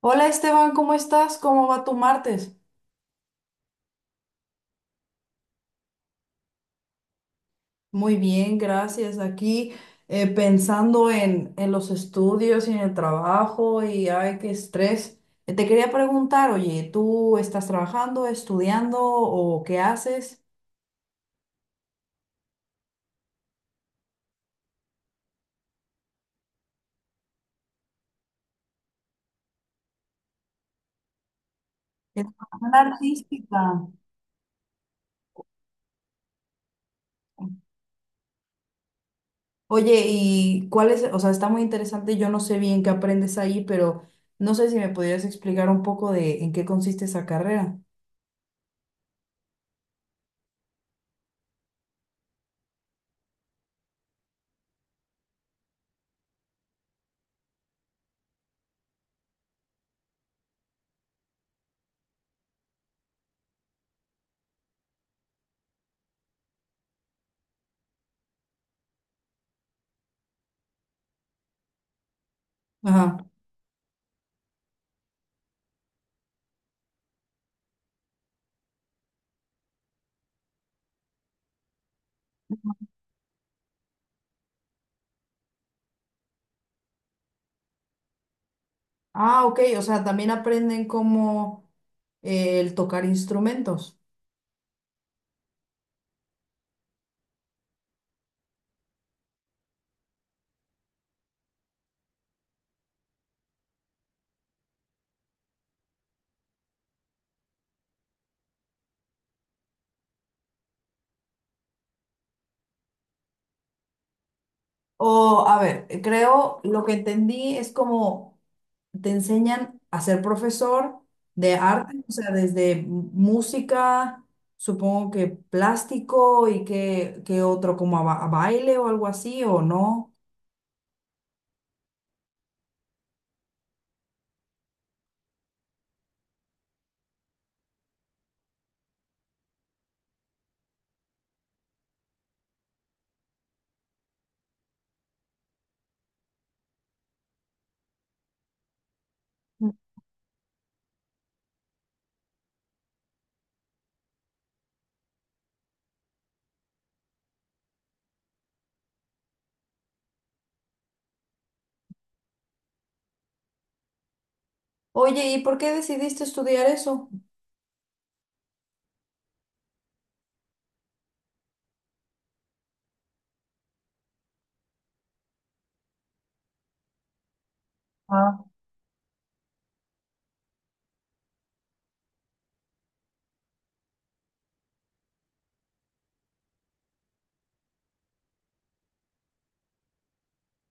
Hola Esteban, ¿cómo estás? ¿Cómo va tu martes? Muy bien, gracias. Aquí pensando en los estudios y en el trabajo y ay, qué estrés. Te quería preguntar, oye, ¿tú estás trabajando, estudiando o qué haces? Educación artística. Oye, ¿y cuál es? O sea, está muy interesante. Yo no sé bien qué aprendes ahí, pero no sé si me podrías explicar un poco de en qué consiste esa carrera. Ajá. Ah, ok, o sea, también aprenden como el tocar instrumentos. O, a ver, creo lo que entendí es como te enseñan a ser profesor de arte, o sea, desde música, supongo que plástico y que otro como a baile o algo así, o no. Oye, ¿y por qué decidiste estudiar eso? Ah,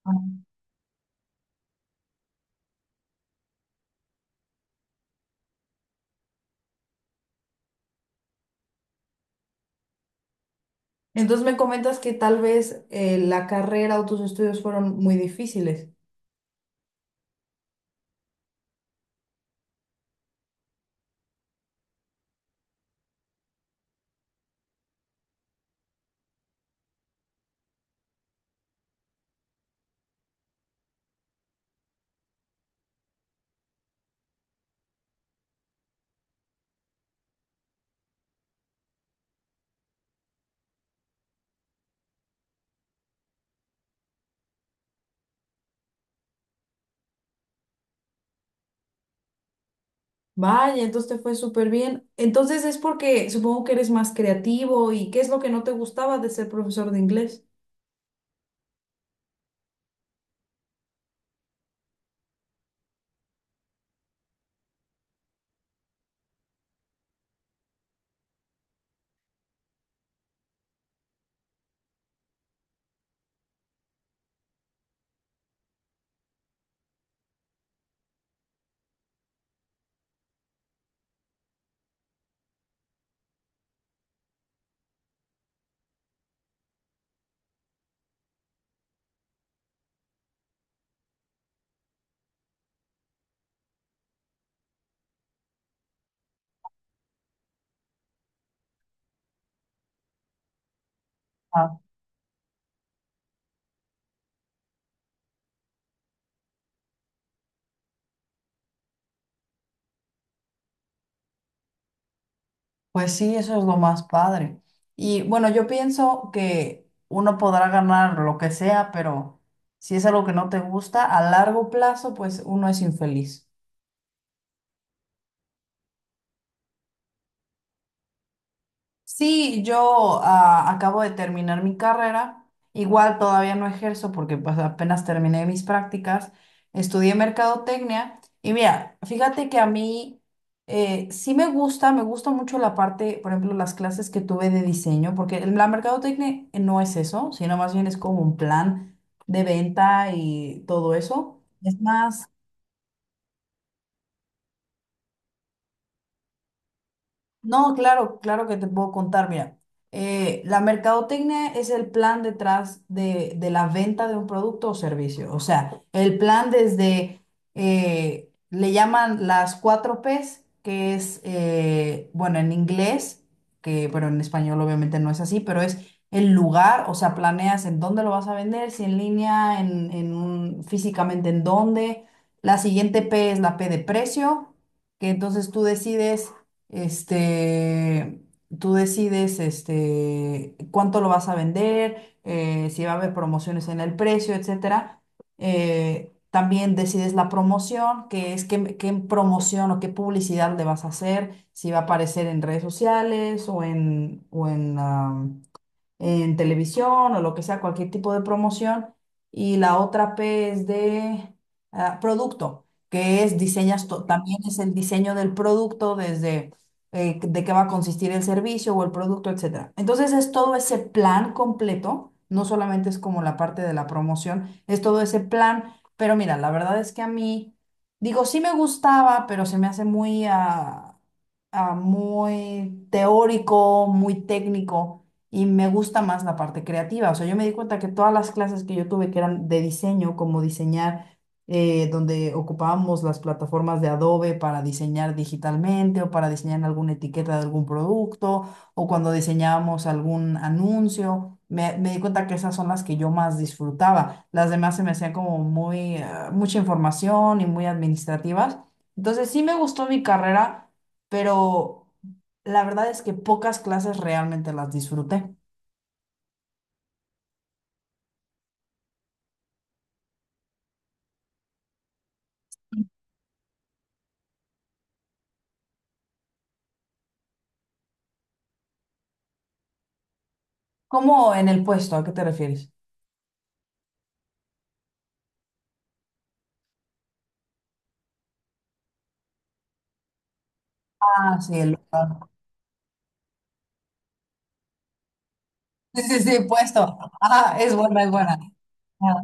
ah. Entonces me comentas que tal vez la carrera o tus estudios fueron muy difíciles. Vaya, entonces te fue súper bien. Entonces es porque supongo que eres más creativo y ¿qué es lo que no te gustaba de ser profesor de inglés? Pues sí, eso es lo más padre. Y bueno, yo pienso que uno podrá ganar lo que sea, pero si es algo que no te gusta, a largo plazo, pues uno es infeliz. Sí, yo acabo de terminar mi carrera. Igual todavía no ejerzo porque pues apenas terminé mis prácticas. Estudié mercadotecnia y mira, fíjate que a mí sí me gusta mucho la parte, por ejemplo, las clases que tuve de diseño, porque la mercadotecnia no es eso, sino más bien es como un plan de venta y todo eso. Es más. No, claro, claro que te puedo contar. Mira, la mercadotecnia es el plan detrás de la venta de un producto o servicio. O sea, el plan desde, le llaman las 4 Ps, que es, bueno, en inglés, que, pero en español obviamente no es así, pero es el lugar, o sea, planeas en dónde lo vas a vender, si en línea, físicamente en dónde. La siguiente P es la P de precio, que entonces este, tú decides este, cuánto lo vas a vender, si va a haber promociones en el precio, etcétera. También decides la promoción, que es qué promoción o qué publicidad le vas a hacer, si va a aparecer en redes sociales en televisión o lo que sea, cualquier tipo de promoción. Y la otra P es de producto, que es diseñas, también es el diseño del producto desde de qué va a consistir el servicio o el producto, etcétera. Entonces es todo ese plan completo, no solamente es como la parte de la promoción, es todo ese plan. Pero mira, la verdad es que a mí, digo, sí me gustaba, pero se me hace muy, muy teórico, muy técnico. Y me gusta más la parte creativa. O sea, yo me di cuenta que todas las clases que yo tuve que eran de diseño, como diseñar, donde ocupábamos las plataformas de Adobe para diseñar digitalmente o para diseñar alguna etiqueta de algún producto o cuando diseñábamos algún anuncio, me di cuenta que esas son las que yo más disfrutaba. Las demás se me hacían como muy, mucha información y muy administrativas. Entonces sí me gustó mi carrera, pero la verdad es que pocas clases realmente las disfruté. ¿Cómo en el puesto? ¿A qué te refieres? Ah, sí, el lugar. Sí, sí, sí, puesto. Ah, es buena, es buena. Ah,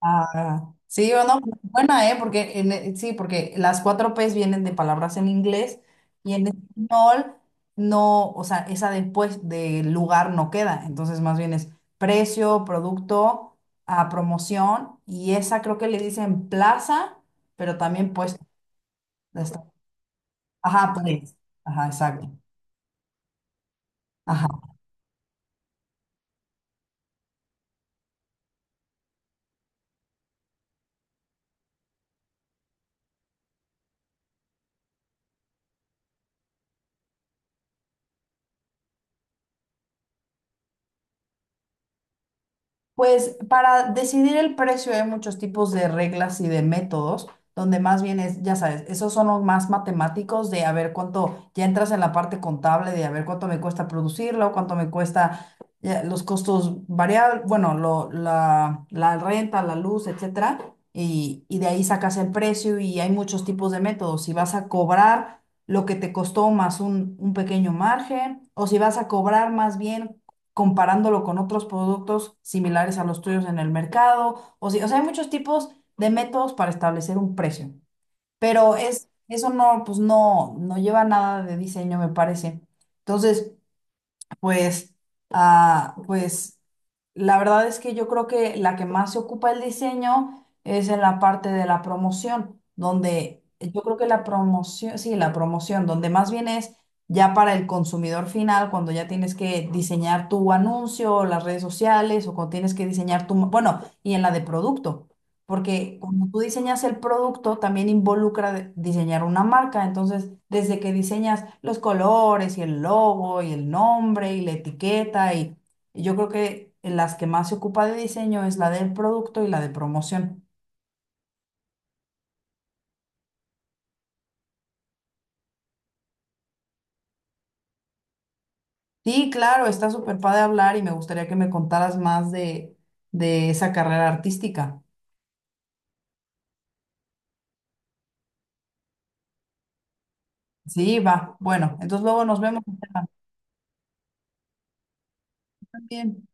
ah, ah. Sí, o no, buena, ¿eh? Porque sí, porque las 4 P's vienen de palabras en inglés y en español no, o sea, esa después de lugar no queda. Entonces, más bien es precio, producto, a promoción y esa creo que le dicen plaza, pero también puesto. Está- Ajá, pues. Ajá, exacto. Ajá. Pues para decidir el precio hay muchos tipos de reglas y de métodos, donde más bien es, ya sabes, esos son los más matemáticos de a ver cuánto, ya entras en la parte contable de a ver cuánto me cuesta producirlo, cuánto me cuesta ya, los costos variables, bueno, la renta, la luz, etcétera, y de ahí sacas el precio y hay muchos tipos de métodos. Si vas a cobrar lo que te costó más un pequeño margen, o si vas a cobrar más bien comparándolo con otros productos similares a los tuyos en el mercado. O, si- o sea, hay muchos tipos de métodos para establecer un precio, pero es, eso no, pues no, no lleva nada de diseño, me parece. Entonces, pues, pues la verdad es que yo creo que la que más se ocupa el diseño es en la parte de la promoción, donde yo creo que la promoción, sí, la promoción, donde más bien es ya para el consumidor final, cuando ya tienes que diseñar tu anuncio, o las redes sociales, o cuando tienes que diseñar tu, bueno, y en la de producto. Porque cuando tú diseñas el producto, también involucra diseñar una marca. Entonces, desde que diseñas los colores y el logo y el nombre y la etiqueta, y yo creo que en las que más se ocupa de diseño es la del producto y la de promoción. Sí, claro, está súper padre hablar y me gustaría que me contaras más de esa carrera artística. Sí, va. Bueno, entonces luego nos vemos. Estefan. También.